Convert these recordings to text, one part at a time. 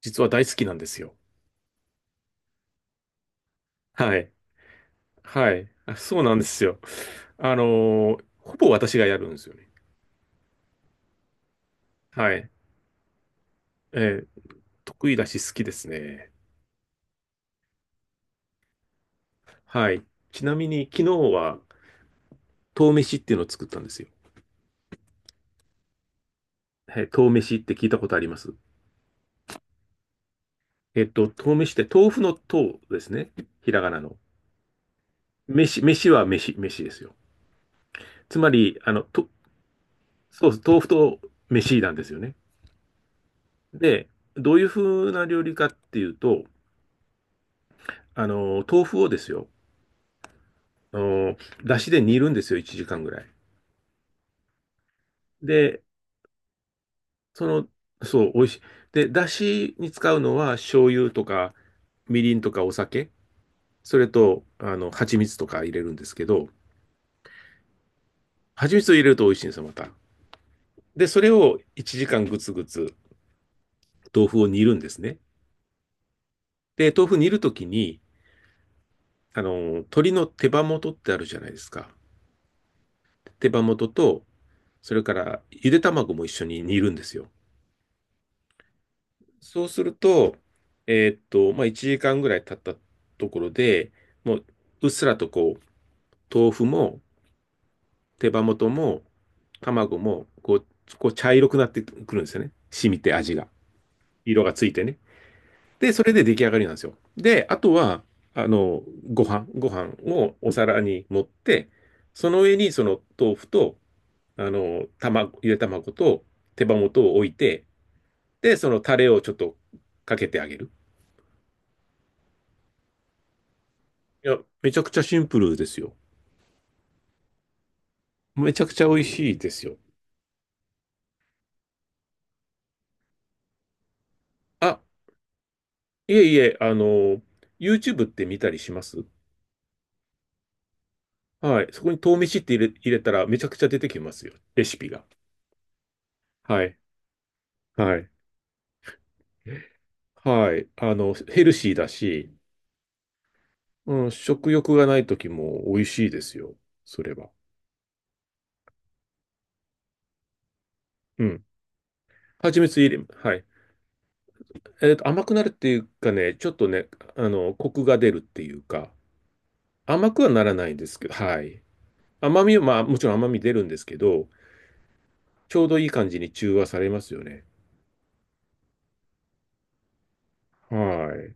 実は大好きなんですよ。はい。はい。あそうなんですよ。ほぼ私がやるんですよね。はい。えー得意だし好きですね。はい。ちなみに昨日は、豆飯っていうのを作ったんですよ。はい。豆飯って聞いたことあります？豆飯って豆腐の豆ですね。ひらがなの。飯、飯は飯、飯ですよ。つまり、そうです。豆腐と飯なんですよね。で、どういう風な料理かっていうと、豆腐をですよ。あの、だしで煮るんですよ、1時間ぐらい。で、その、そう、美味しい。で、だしに使うのは醤油とか、みりんとかお酒、それと、蜂蜜とか入れるんですけど、蜂蜜を入れると美味しいんですよ、また。で、それを1時間ぐつぐつ豆腐を煮るんですね。で、豆腐煮るときに、鶏の手羽元ってあるじゃないですか。手羽元と、それからゆで卵も一緒に煮るんですよ。そうすると、まあ、1時間ぐらい経ったところで、もう、うっすらとこう、豆腐も、手羽元も、卵も、こう、こう茶色くなってくるんですよね。染みて味が。色がついてね。で、それで出来上がりなんですよ。で、あとは、あの、ご飯をお皿に盛って、その上にその豆腐と、ゆで卵と手羽元を置いて、で、そのタレをちょっとかけてあげる。いや、めちゃくちゃシンプルですよ。めちゃくちゃ美味しいですよ。あ、いえいえ、YouTube って見たりします？はい。そこに豆飯って入れたらめちゃくちゃ出てきますよ。レシピが。はい。はい。はい。ヘルシーだし、うん、食欲がない時も美味しいですよ。それは。うん。蜂蜜入れ、はい。甘くなるっていうかね、ちょっとね、コクが出るっていうか、甘くはならないんですけど、はい。甘みは、まあ、もちろん甘み出るんですけど、ちょうどいい感じに中和されますよね。は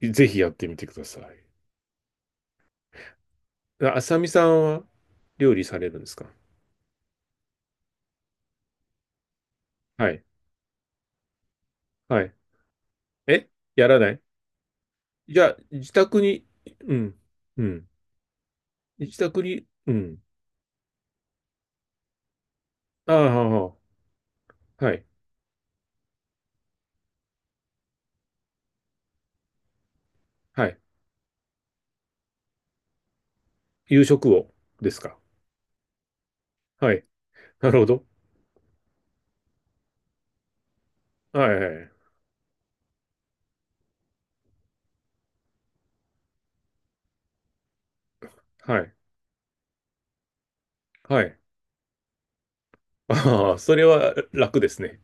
い。ぜひやってみてください。あさみさんは料理されるんですか？はい。はい。えやらない。じゃあ、自宅に、うん、うん。自宅に、うん。ああ、はあはあはい。はい。夕食をですか？はい。なるほど。はいはい。はい。はい。ああ、それは楽ですね。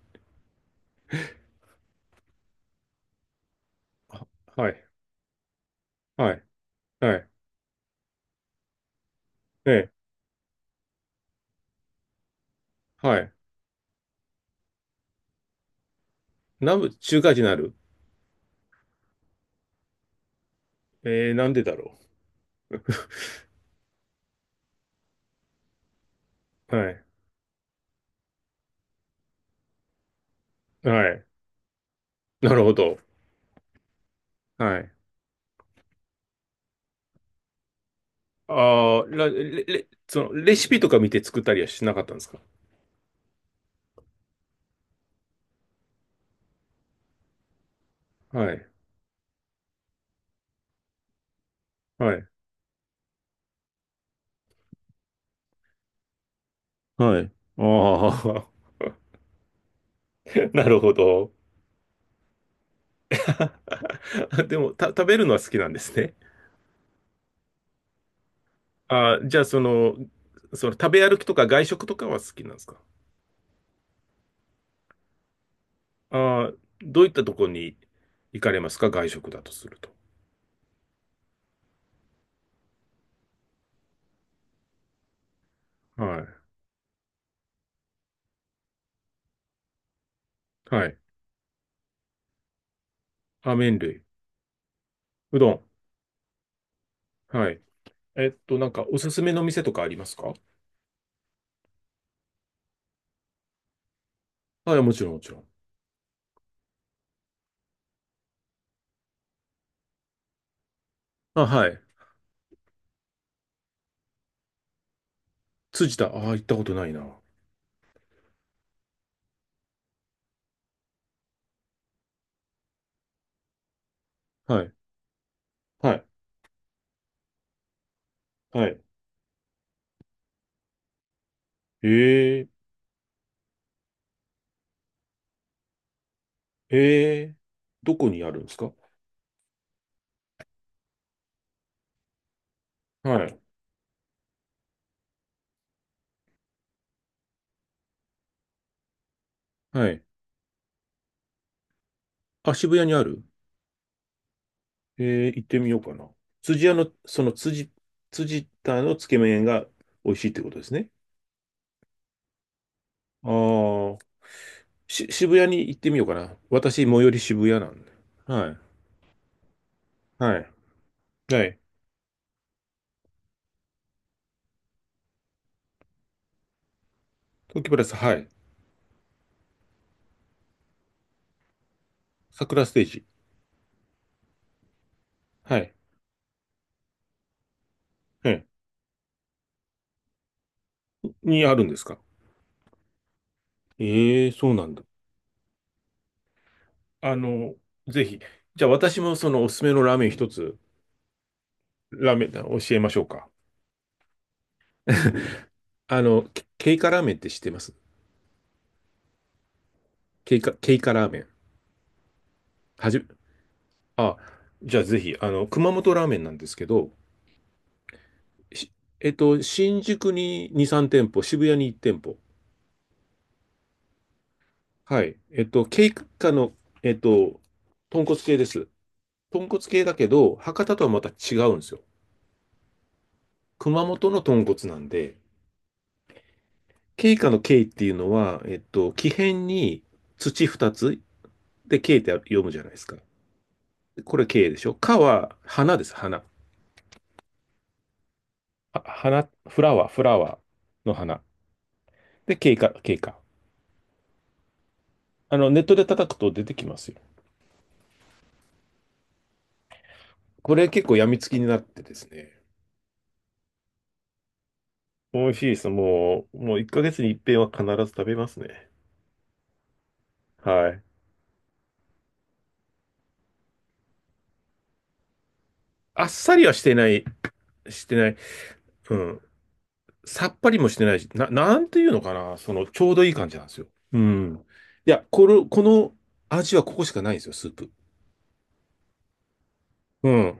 あはい。はい。はい。ええ。はい。南部中華人になる。えー、なんでだろう。はい。はい。なるほど。はい。ああ、らレ、レ、その、レシピとか見て作ったりはしなかったんですか？はい。はい。はい。ああ、なるほど。でも、食べるのは好きなんですね。ああ、じゃあ、食べ歩きとか外食とかは好きなんですか？ああ、どういったとこに行かれますか？外食だとすると。はい。はい。あ、麺類。うどん。はい。なんか、おすすめの店とかありますか？はい、もちろん、もちろん。あ、はい。辻田、ああ、行ったことないな。はい。はい。はい。ええ、ええ、どこにあるんですか？はい。はい。あ、渋谷にある？ええ、行ってみようかな。辻屋の、辻田のつけ麺が美味しいってことですね。ああ、渋谷に行ってみようかな。私、最寄り渋谷なんで。はい。はい。はい。東京プラス、はい。桜ステージ。はい。はい。にあるんですか？ええ、そうなんだ。あの、ぜひ。じゃあ私もそのおすすめのラーメン一つ、ラーメン教えましょうか？ケイカラーメンって知ってます？ケイカ、ケイカラーメン。はじ、あ、じゃあぜひ、熊本ラーメンなんですけど、しえっと、新宿に2、3店舗、渋谷に1店舗。はい。ケイカの、えっと、豚骨系です。豚骨系だけど、博多とはまた違うんですよ。熊本の豚骨なんで、ケイカのケイっていうのは、木偏に土2つ、で、K って読むじゃないですか。これ K でしょ。かは花です、花。花、フラワー、フラワーの花。で、K か、K か。ネットで叩くと出てきますよ。これ結構病みつきになってですね。美味しいです。もう1ヶ月に一遍は必ず食べますね。はい。あっさりはしてない、してない。うん。さっぱりもしてないし、なんていうのかな。ちょうどいい感じなんですよ。うん。いや、この味はここしかないんですよ、スープ。うん。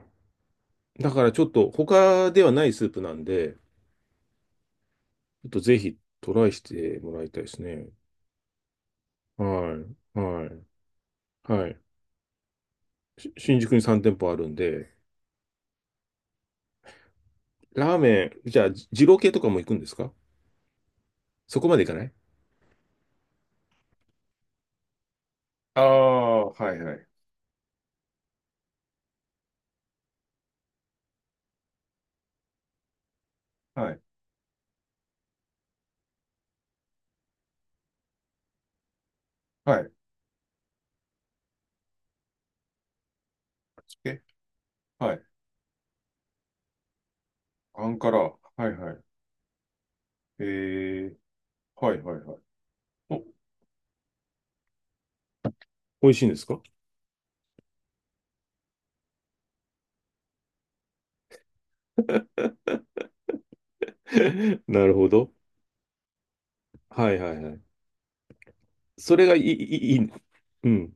だからちょっと他ではないスープなんで、ちょっとぜひトライしてもらいたいですね。はい。はい。はい。新宿に3店舗あるんで、ラーメン、じゃあ、二郎系とかも行くんですか？そこまで行かない？ああ、はいはい。はい。はい。え、はい。アンカラ。はいはい。えー、はいはいはい。お、美味しいんですか？ なるほど。はいはいはい。それがいい、いい、いい。うん。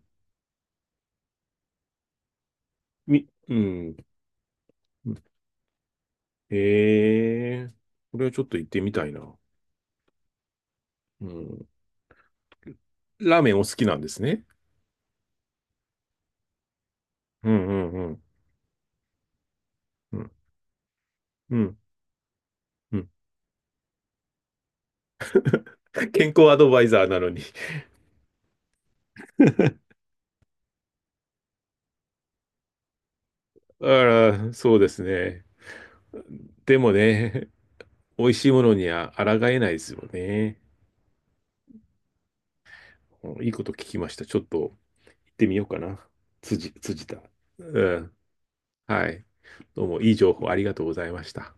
うん。へえ、これはちょっと行ってみたいな。うん。ラーメンお好きなんですね。うんうんうん。うん。うん。うん。健康アドバイザーなのに。あら、そうですね。でもね、美味しいものには抗えないですよね。うん。いいこと聞きました。ちょっと行ってみようかな。辻田。うん。はい。どうもいい情報ありがとうございました。